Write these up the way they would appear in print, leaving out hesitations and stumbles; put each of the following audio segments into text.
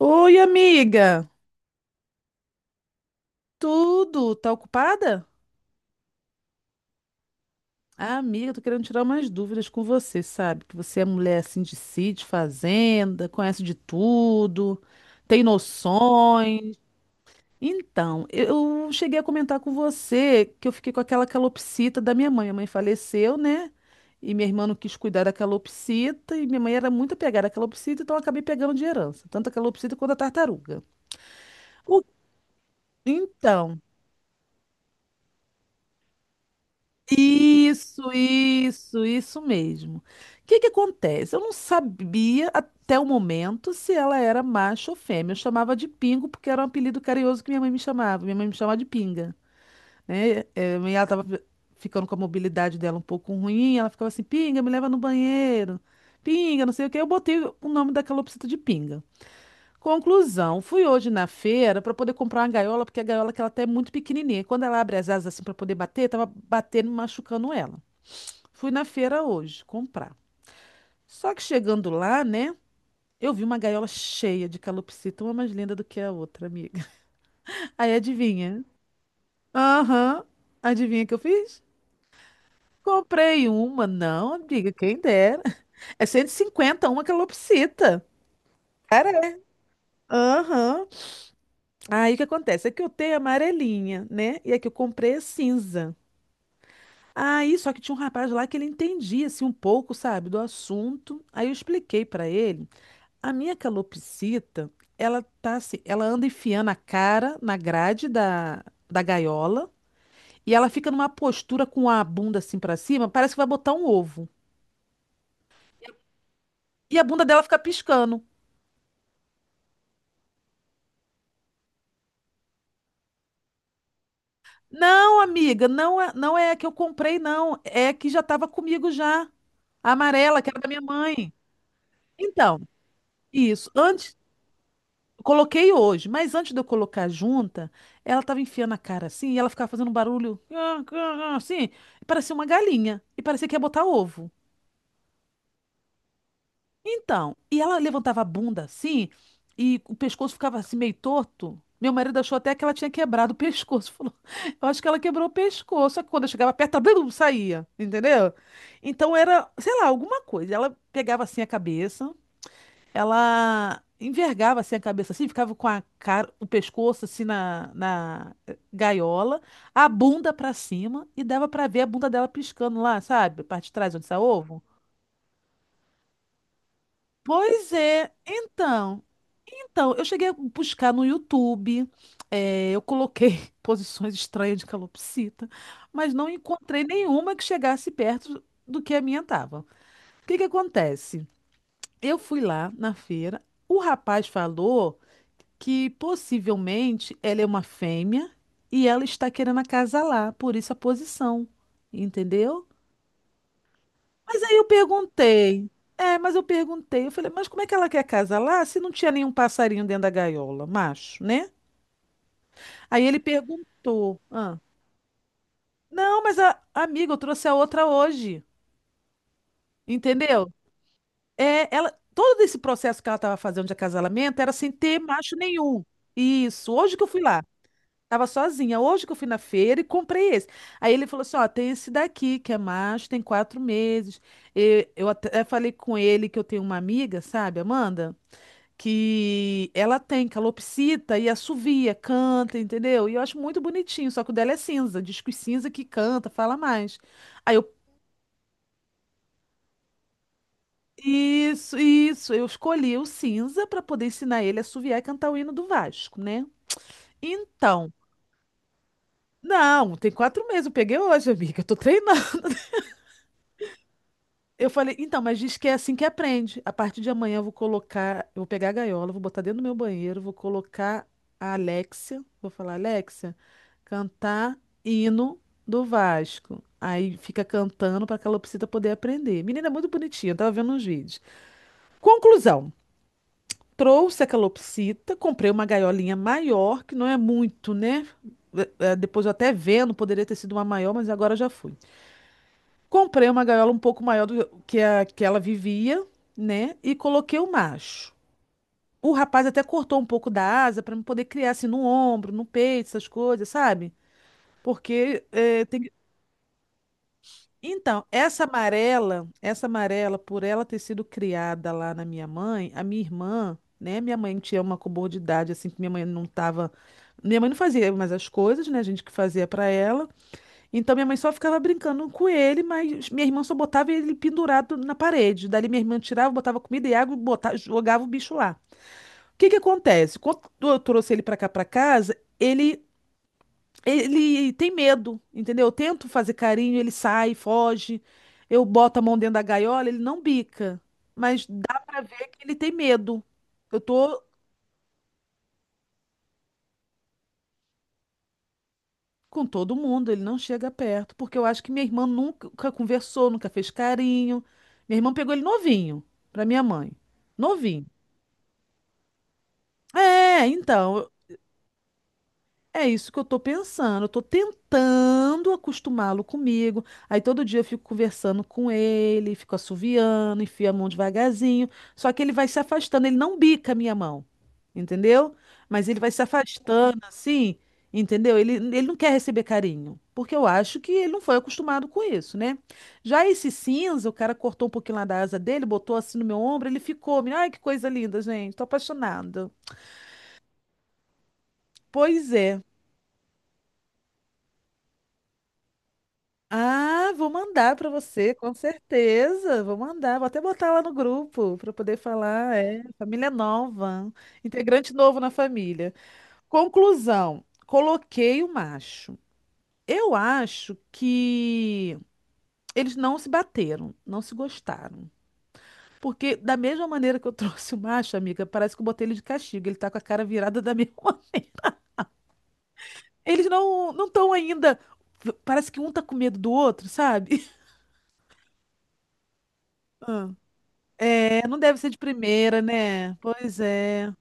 Oi, amiga. Tudo? Tá ocupada? Ah, amiga, tô querendo tirar umas dúvidas com você, sabe? Que você é mulher assim de sítio, fazenda, conhece de tudo, tem noções. Então, eu cheguei a comentar com você que eu fiquei com aquela calopsita da minha mãe. A mãe faleceu, né? E minha irmã não quis cuidar da calopsita, e minha mãe era muito apegada à calopsita, então eu acabei pegando de herança, tanto a calopsita quanto a tartaruga. O- Então. Isso mesmo. O que que acontece? Eu não sabia até o momento se ela era macho ou fêmea. Eu chamava de Pingo porque era um apelido carinhoso que minha mãe me chamava. Minha mãe me chamava de Pinga, né? É, e ela tava ficando com a mobilidade dela um pouco ruim. Ela ficava assim, Pinga, me leva no banheiro. Pinga, não sei o quê. Eu botei o nome da calopsita de Pinga. Conclusão, fui hoje na feira para poder comprar uma gaiola, porque a gaiola que ela tá é muito pequenininha. Quando ela abre as asas assim para poder bater, tava batendo e machucando ela. Fui na feira hoje comprar. Só que chegando lá, né? Eu vi uma gaiola cheia de calopsita, uma mais linda do que a outra, amiga. Aí adivinha? Aham. Adivinha o que eu fiz? Comprei uma. Não, amiga, quem dera. É 150 uma calopsita. Cara, aham. Aí o que acontece? É que eu tenho a amarelinha, né? E a que eu comprei é cinza. Aí, só que tinha um rapaz lá que ele entendia, assim, um pouco, sabe, do assunto. Aí eu expliquei pra ele: a minha calopsita, ela tá assim, ela anda enfiando a cara na grade da gaiola e ela fica numa postura com a bunda assim pra cima, parece que vai botar um ovo. E a bunda dela fica piscando. Não, amiga, não é a que eu comprei, não. É a que já estava comigo já. A amarela, que era da minha mãe. Então, isso. Antes Coloquei hoje, mas antes de eu colocar a junta, ela tava enfiando a cara assim e ela ficava fazendo um barulho "Ah, ah, ah", assim, e parecia uma galinha e parecia que ia botar ovo. Então, e ela levantava a bunda assim e o pescoço ficava assim meio torto. Meu marido achou até que ela tinha quebrado o pescoço. Falou, eu acho que ela quebrou o pescoço. Só que quando eu chegava perto, ela blum, saía, entendeu? Então era, sei lá, alguma coisa. Ela pegava assim a cabeça. Ela envergava assim a cabeça assim, ficava com a cara, o pescoço assim na gaiola, a bunda pra cima e dava pra ver a bunda dela piscando lá, sabe? A parte de trás onde sai ovo. Pois é, então, eu cheguei a buscar no YouTube, eu coloquei posições estranhas de calopsita, mas não encontrei nenhuma que chegasse perto do que a minha estava. O que que acontece? Eu fui lá na feira, o rapaz falou que possivelmente ela é uma fêmea e ela está querendo acasalar, por isso a posição, entendeu? Mas aí eu perguntei, mas eu perguntei, eu falei, mas como é que ela quer acasalar se não tinha nenhum passarinho dentro da gaiola, macho, né? Aí ele perguntou, ah, não, mas a amiga, eu trouxe a outra hoje, entendeu? É, ela, todo esse processo que ela estava fazendo de acasalamento era sem ter macho nenhum. Isso, hoje que eu fui lá. Tava sozinha. Hoje que eu fui na feira e comprei esse. Aí ele falou assim: ó, tem esse daqui, que é macho, tem 4 meses. E eu até falei com ele que eu tenho uma amiga, sabe, Amanda? Que ela tem calopsita e assovia, canta, entendeu? E eu acho muito bonitinho, só que o dela é cinza, disco cinza que canta, fala mais. Aí eu, isso, isso, eu escolhi o cinza para poder ensinar ele a assoviar e cantar o hino do Vasco, né? Então, não, tem 4 meses, eu peguei hoje, amiga, eu tô treinando. Eu falei, então, mas diz que é assim que aprende. A partir de amanhã eu vou colocar, eu vou pegar a gaiola, vou botar dentro do meu banheiro, vou colocar a Alexia, vou falar, Alexia, cantar hino do Vasco. Aí fica cantando para a calopsita poder aprender. Menina, é muito bonitinha, eu tava vendo uns vídeos. Conclusão, trouxe a calopsita, comprei uma gaiolinha maior, que não é muito, né? Depois eu até vendo, poderia ter sido uma maior, mas agora já fui. Comprei uma gaiola um pouco maior do que a que ela vivia, né? E coloquei o macho. O rapaz até cortou um pouco da asa para me poder criar assim no ombro, no peito, essas coisas, sabe? Porque é, tem, então, essa amarela, por ela ter sido criada lá na minha mãe, a minha irmã, né? Minha mãe tinha uma comorbidade assim que minha mãe não tava, minha mãe não fazia mais as coisas, né? A gente que fazia para ela. Então minha mãe só ficava brincando com ele, mas minha irmã só botava ele pendurado na parede. Dali minha irmã tirava, botava comida e água e botava, jogava o bicho lá. O que que acontece? Quando eu trouxe ele pra cá pra casa, ele tem medo, entendeu? Eu tento fazer carinho, ele sai, foge. Eu boto a mão dentro da gaiola, ele não bica, mas ele tem medo. Eu tô Com todo mundo, ele não chega perto, porque eu acho que minha irmã nunca conversou, nunca fez carinho. Minha irmã pegou ele novinho, para minha mãe. Novinho. É, então, é isso que eu tô pensando. Eu tô tentando acostumá-lo comigo. Aí todo dia eu fico conversando com ele, fico assoviando, enfio a mão devagarzinho. Só que ele vai se afastando, ele não bica a minha mão, entendeu? Mas ele vai se afastando assim, entendeu? Ele não quer receber carinho, porque eu acho que ele não foi acostumado com isso, né? Já esse cinza, o cara cortou um pouquinho lá da asa dele, botou assim no meu ombro, ele ficou. Ai, que coisa linda, gente, tô apaixonada. Pois é. Ah, vou mandar para você, com certeza. Vou mandar, vou até botar lá no grupo para poder falar. É, família nova, integrante novo na família. Conclusão: coloquei o macho. Eu acho que eles não se bateram, não se gostaram. Porque, da mesma maneira que eu trouxe o macho, amiga, parece que eu botei ele de castigo. Ele tá com a cara virada da mesma. Eles não estão ainda. Parece que um tá com medo do outro, sabe? É, não deve ser de primeira, né? Pois é.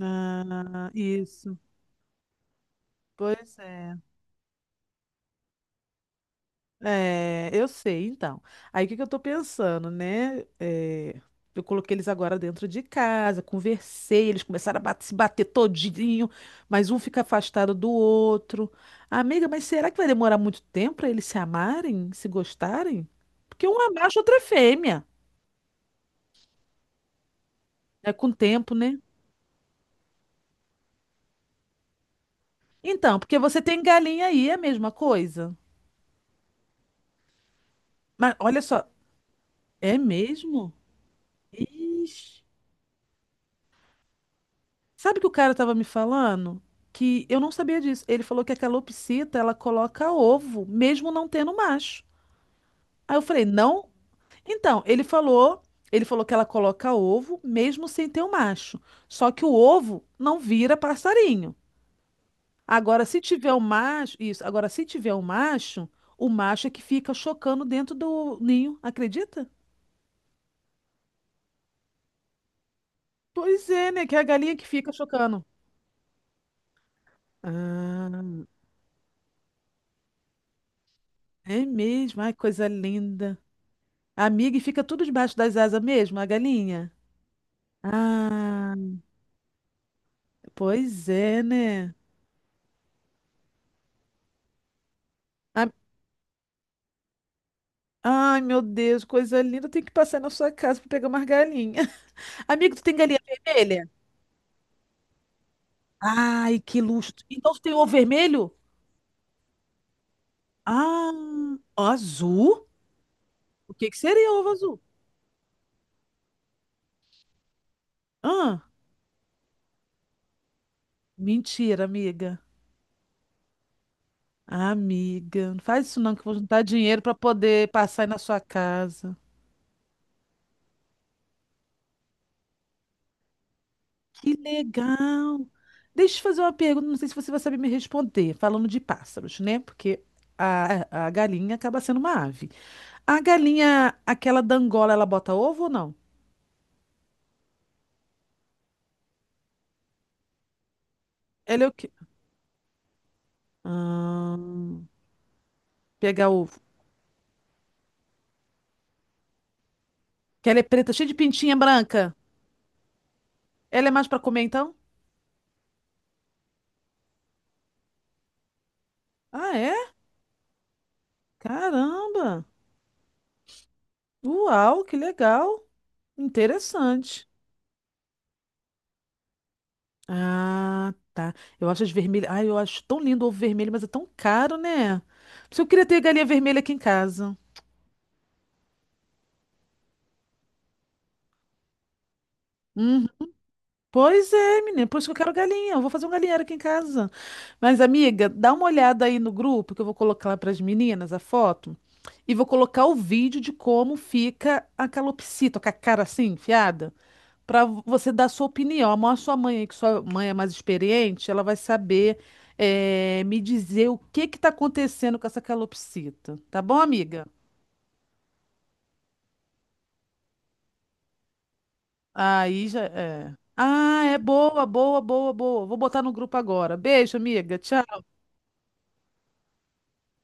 Ah, isso. Pois é. É, eu sei, então. Aí o que que eu tô pensando, né? É, eu coloquei eles agora dentro de casa, conversei, eles começaram a se bater todinho, mas um fica afastado do outro. Amiga, mas será que vai demorar muito tempo para eles se amarem, se gostarem? Porque um é macho, outro é fêmea. É com o tempo, né? Então, porque você tem galinha aí, é a mesma coisa. Mas olha só, é mesmo? Ixi. Sabe que o cara tava me falando? Que eu não sabia disso. Ele falou que a calopsita, ela coloca ovo, mesmo não tendo macho. Aí eu falei, não? Então, ele falou, que ela coloca ovo, mesmo sem ter o macho. Só que o ovo não vira passarinho. Agora se tiver o macho é que fica chocando dentro do ninho, acredita? Pois é, né? Que é a galinha que fica chocando. Ah. É mesmo, ai, coisa linda. Amiga, e fica tudo debaixo das asas mesmo, a galinha? Ah, pois é, né? A- Ai, meu Deus, coisa linda. Eu tenho que passar na sua casa para pegar umas galinhas. Amigo, tu tem galinha vermelha? Ai, que luxo. Então tu tem ovo vermelho? Ah, azul? O que que seria ovo azul? Ah, mentira, amiga. Amiga, não faz isso não, que eu vou juntar dinheiro para poder passar aí na sua casa. Que legal! Deixa eu te fazer uma pergunta, não sei se você vai saber me responder, falando de pássaros, né? Porque a galinha acaba sendo uma ave. A galinha, aquela da Angola, ela bota ovo ou não? Ela é o quê? Ah, pega ovo. Que ela é preta, cheia de pintinha branca. Ela é mais pra comer, então? Ah, é? Caramba! Uau, que legal! Interessante. Ah, tá. Eu acho as vermelhas. Ai, eu acho tão lindo o ovo vermelho, mas é tão caro, né? Por isso eu queria ter galinha vermelha aqui em casa. Uhum. Pois é, menina. Por isso que eu quero galinha. Eu vou fazer um galinheiro aqui em casa. Mas, amiga, dá uma olhada aí no grupo que eu vou colocar lá para as meninas a foto. E vou colocar o vídeo de como fica a calopsita, com a cara assim, enfiada, para você dar sua opinião. A sua mãe, aí, que sua mãe é mais experiente, ela vai saber me dizer o que que está acontecendo com essa calopsita. Tá bom, amiga? Aí já é. Ah, é boa, boa, boa, boa. Vou botar no grupo agora. Beijo, amiga. Tchau.